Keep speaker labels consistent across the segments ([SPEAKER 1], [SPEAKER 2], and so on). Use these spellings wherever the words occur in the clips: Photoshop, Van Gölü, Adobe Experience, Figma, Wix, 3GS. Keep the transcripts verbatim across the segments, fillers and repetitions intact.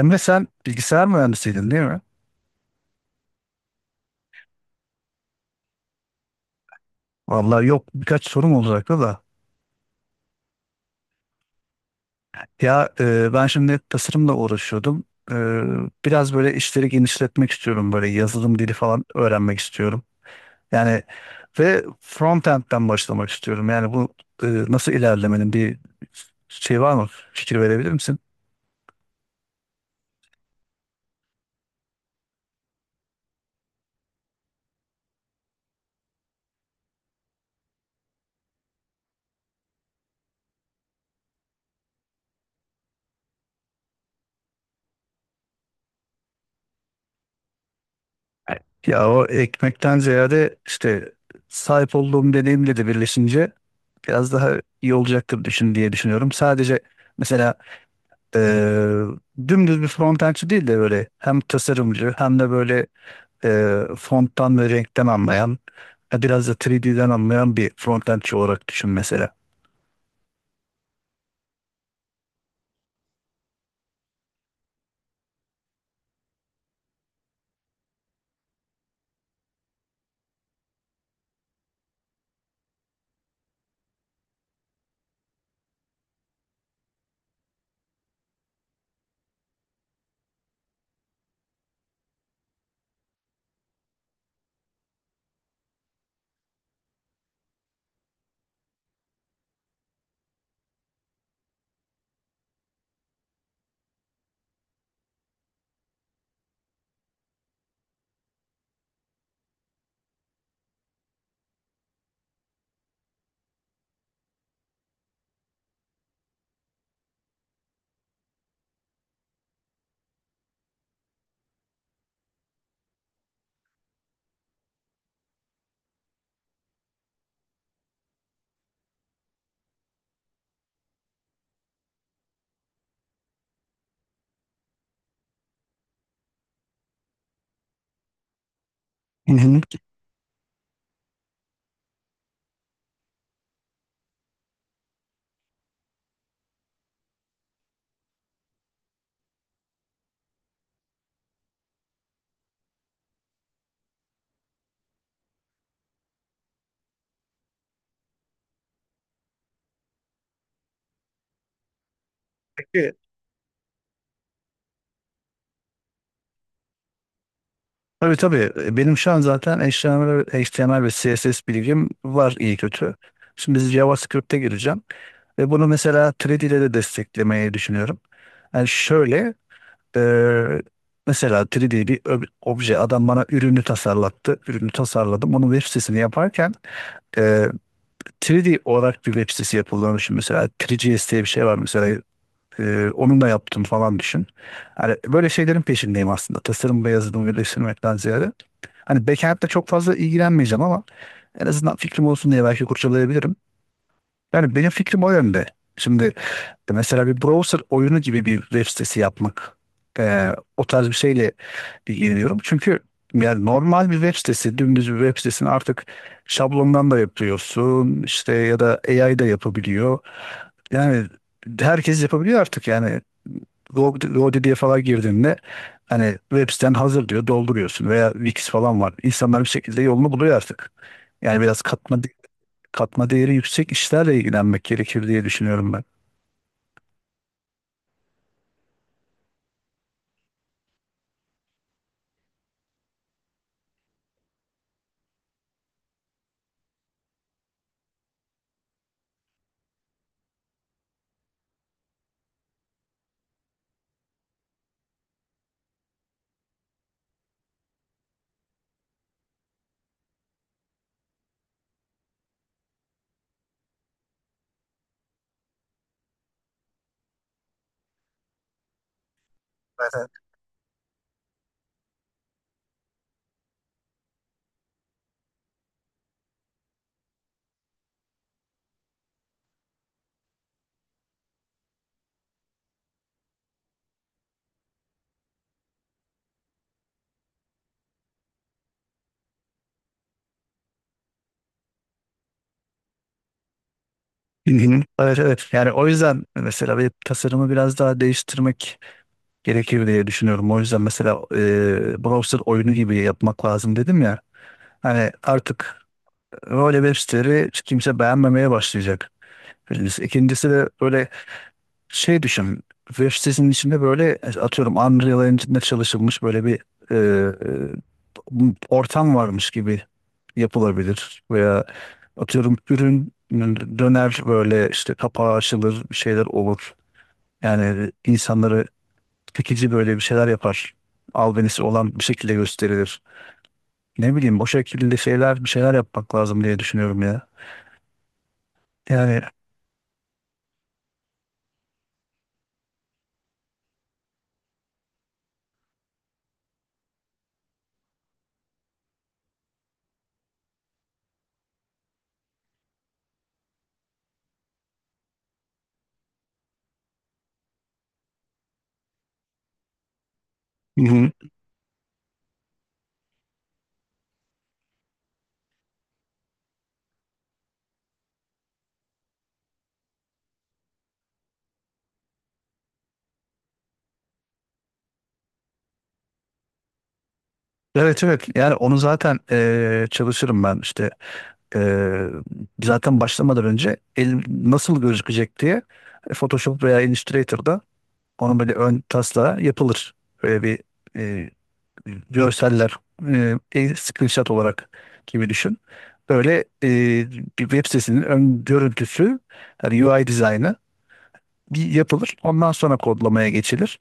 [SPEAKER 1] Emre sen bilgisayar mühendisiydin değil mi? Vallahi yok birkaç sorum olacaktı da. Ya e, ben şimdi tasarımla uğraşıyordum. E, biraz böyle işleri genişletmek istiyorum. Böyle yazılım dili falan öğrenmek istiyorum. Yani ve front frontend'den başlamak istiyorum. Yani bu e, nasıl ilerlemenin bir şey var mı? Fikir verebilir misin? Ya, o ekmekten ziyade işte sahip olduğum deneyimle de birleşince biraz daha iyi olacaktır düşün diye düşünüyorum. Sadece mesela eee, dümdüz bir frontendçi değil de böyle hem tasarımcı hem de böyle eee fonttan ve renkten anlayan, e, biraz da üç D'den anlayan bir frontendçi olarak düşün mesela. Hı hı. Peki. Tabii tabii. Benim şu an zaten HTML, ve- H T M L ve C S S bilgim var iyi kötü. Şimdi JavaScript'e gireceğim. Ve bunu mesela üç D ile de desteklemeyi düşünüyorum. Yani şöyle, e, mesela üç D bir ob- obje, adam bana ürünü tasarlattı. Ürünü tasarladım. Onun web sitesini yaparken e, üç D olarak bir web sitesi yapıldığını düşün. Mesela üç G S diye bir şey var mesela. Ee, onunla yaptım falan düşün. Hani böyle şeylerin peşindeyim aslında. Tasarım ve yazılımı birleştirmekten ziyade. Hani backend'le çok fazla ilgilenmeyeceğim ama en azından fikrim olsun diye belki kurcalayabilirim. Yani benim fikrim o yönde. Şimdi mesela bir browser oyunu gibi bir web sitesi yapmak, ee, o tarz bir şeyle ilgileniyorum. Çünkü yani normal bir web sitesi, dümdüz bir web sitesini artık şablondan da yapıyorsun işte, ya da A I da yapabiliyor. Yani herkes yapabiliyor artık yani. Go- GoDaddy'ye falan girdiğinde hani web siten hazır diyor, dolduruyorsun, veya Wix falan var. İnsanlar bir şekilde yolunu buluyor artık. Yani biraz katma de- katma değeri yüksek işlerle ilgilenmek gerekir diye düşünüyorum ben. Evet evet. Hı hı. Evet, evet. Yani o yüzden mesela web tasarımı biraz daha değiştirmek gerekir diye düşünüyorum. O yüzden mesela e, browser oyunu gibi yapmak lazım dedim ya. Hani artık böyle web siteleri kimse beğenmemeye başlayacak. Birincisi. İkincisi de böyle şey düşün. Web sitesinin içinde böyle atıyorum Unreal Engine'de çalışılmış böyle bir e, e, ortam varmış gibi yapılabilir. Veya atıyorum ürün döner, böyle işte kapağı açılır, bir şeyler olur. Yani insanları çekici böyle bir şeyler yapar. Albenisi olan bir şekilde gösterilir. Ne bileyim o şekilde şeyler bir şeyler yapmak lazım diye düşünüyorum ya. Yani. Hı hı. Evet evet, yani onu zaten eee, çalışırım ben işte. Ee, zaten başlamadan önce el nasıl gözükecek diye Photoshop veya Illustrator'da onun böyle ön taslağı yapılır. Böyle bir e, görseller, e, el screenshot olarak gibi düşün. Böyle e, bir web sitesinin ön görüntüsü, yani U I dizaynı bir yapılır. Ondan sonra kodlamaya geçilir.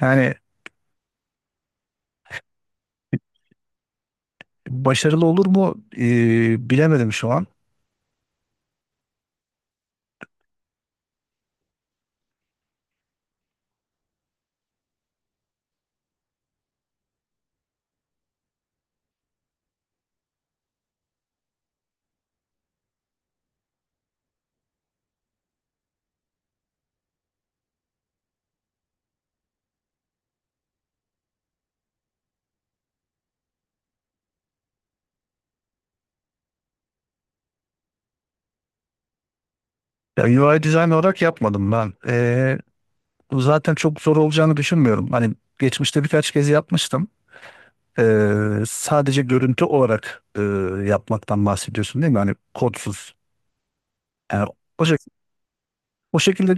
[SPEAKER 1] Yani. Başarılı olur mu? Ee, bilemedim şu an. Ya, U I design olarak yapmadım ben. Ee, zaten çok zor olacağını düşünmüyorum. Hani geçmişte birkaç kez yapmıştım. Ee, sadece görüntü olarak e, yapmaktan bahsediyorsun değil mi? Hani kodsuz. Yani o, şek- o şekilde,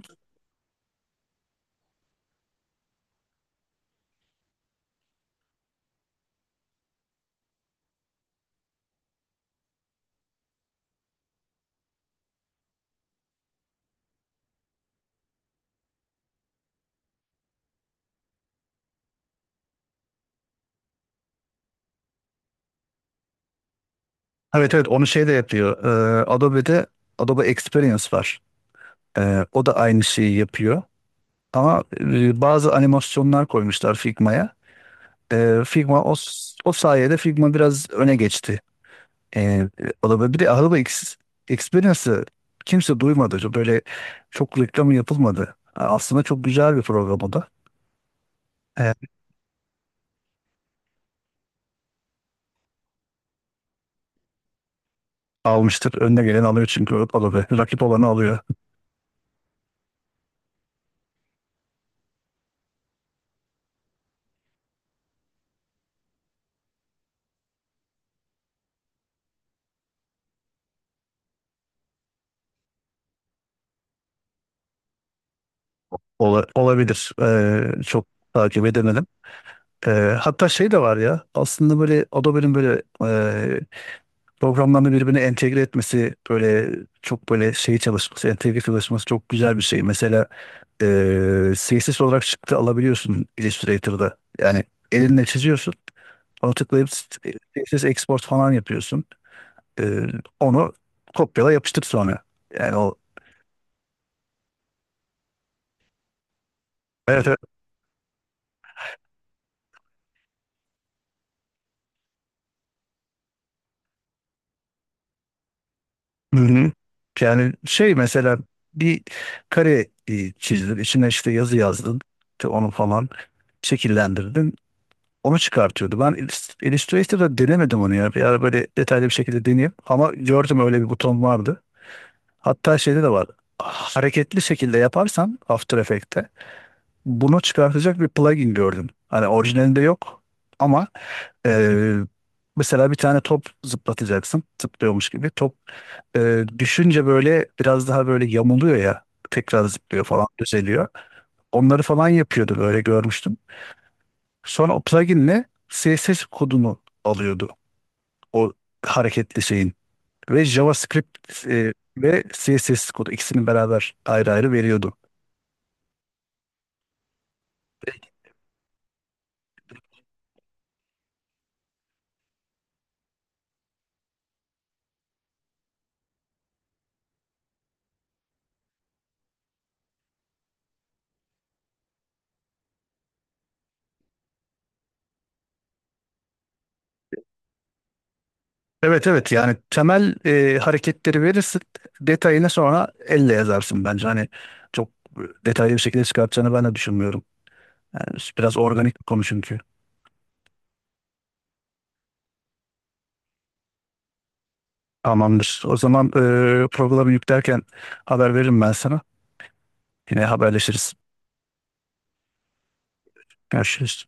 [SPEAKER 1] evet evet, onu şey de yapıyor. Ee, Adobe'de Adobe Experience var. Ee, o da aynı şeyi yapıyor. Ama e, bazı animasyonlar koymuşlar Figma'ya. Ee, Figma o, s- o sayede Figma biraz öne geçti. Ee, Adobe, bir de Adobe Ex- Experience'ı kimse duymadı. Böyle çok reklamı yapılmadı. Aslında çok güzel bir program o da. Almıştır. Önüne gelen alıyor çünkü Adobe. Rakip olanı alıyor. Ola- olabilir. Ee, çok takip edemedim. Ee, hatta şey de var ya, aslında böyle Adobe'nin böyle e, programlarını birbirine entegre etmesi, böyle çok böyle şey çalışması, entegre çalışması çok güzel bir şey. Mesela e, C S S olarak çıktı alabiliyorsun Illustrator'da. Yani elinle çiziyorsun. Onu tıklayıp C S S export falan yapıyorsun. Ee, onu kopyala yapıştır sonra. Yani o. Evet, evet. Hı hı. Yani şey mesela bir kare e, çizdin, içine işte yazı yazdın, işte onu falan şekillendirdin, onu çıkartıyordu. Ben Illust- Illustrator'da denemedim onu ya. Bir ara böyle detaylı bir şekilde deneyeyim. Ama gördüm öyle bir buton vardı. Hatta şeyde de var. Hareketli şekilde yaparsan After Effects'te bunu çıkartacak bir plugin gördüm. Hani orijinalinde yok ama ee, mesela bir tane top zıplatacaksın. Zıplıyormuş gibi. Top e, düşünce böyle biraz daha böyle yamuluyor ya. Tekrar zıplıyor falan düzeliyor. Onları falan yapıyordu böyle görmüştüm. Sonra o pluginle C S S kodunu alıyordu. O hareketli şeyin. Ve JavaScript e, ve C S S kodu ikisini beraber ayrı ayrı veriyordu. Evet evet, yani temel e, hareketleri verirsin, detayını sonra elle yazarsın bence, hani çok detaylı bir şekilde çıkartacağını ben de düşünmüyorum. Yani biraz organik bir konu çünkü. Tamamdır. O zaman e, programı yüklerken haber veririm ben sana. Yine haberleşiriz. Görüşürüz.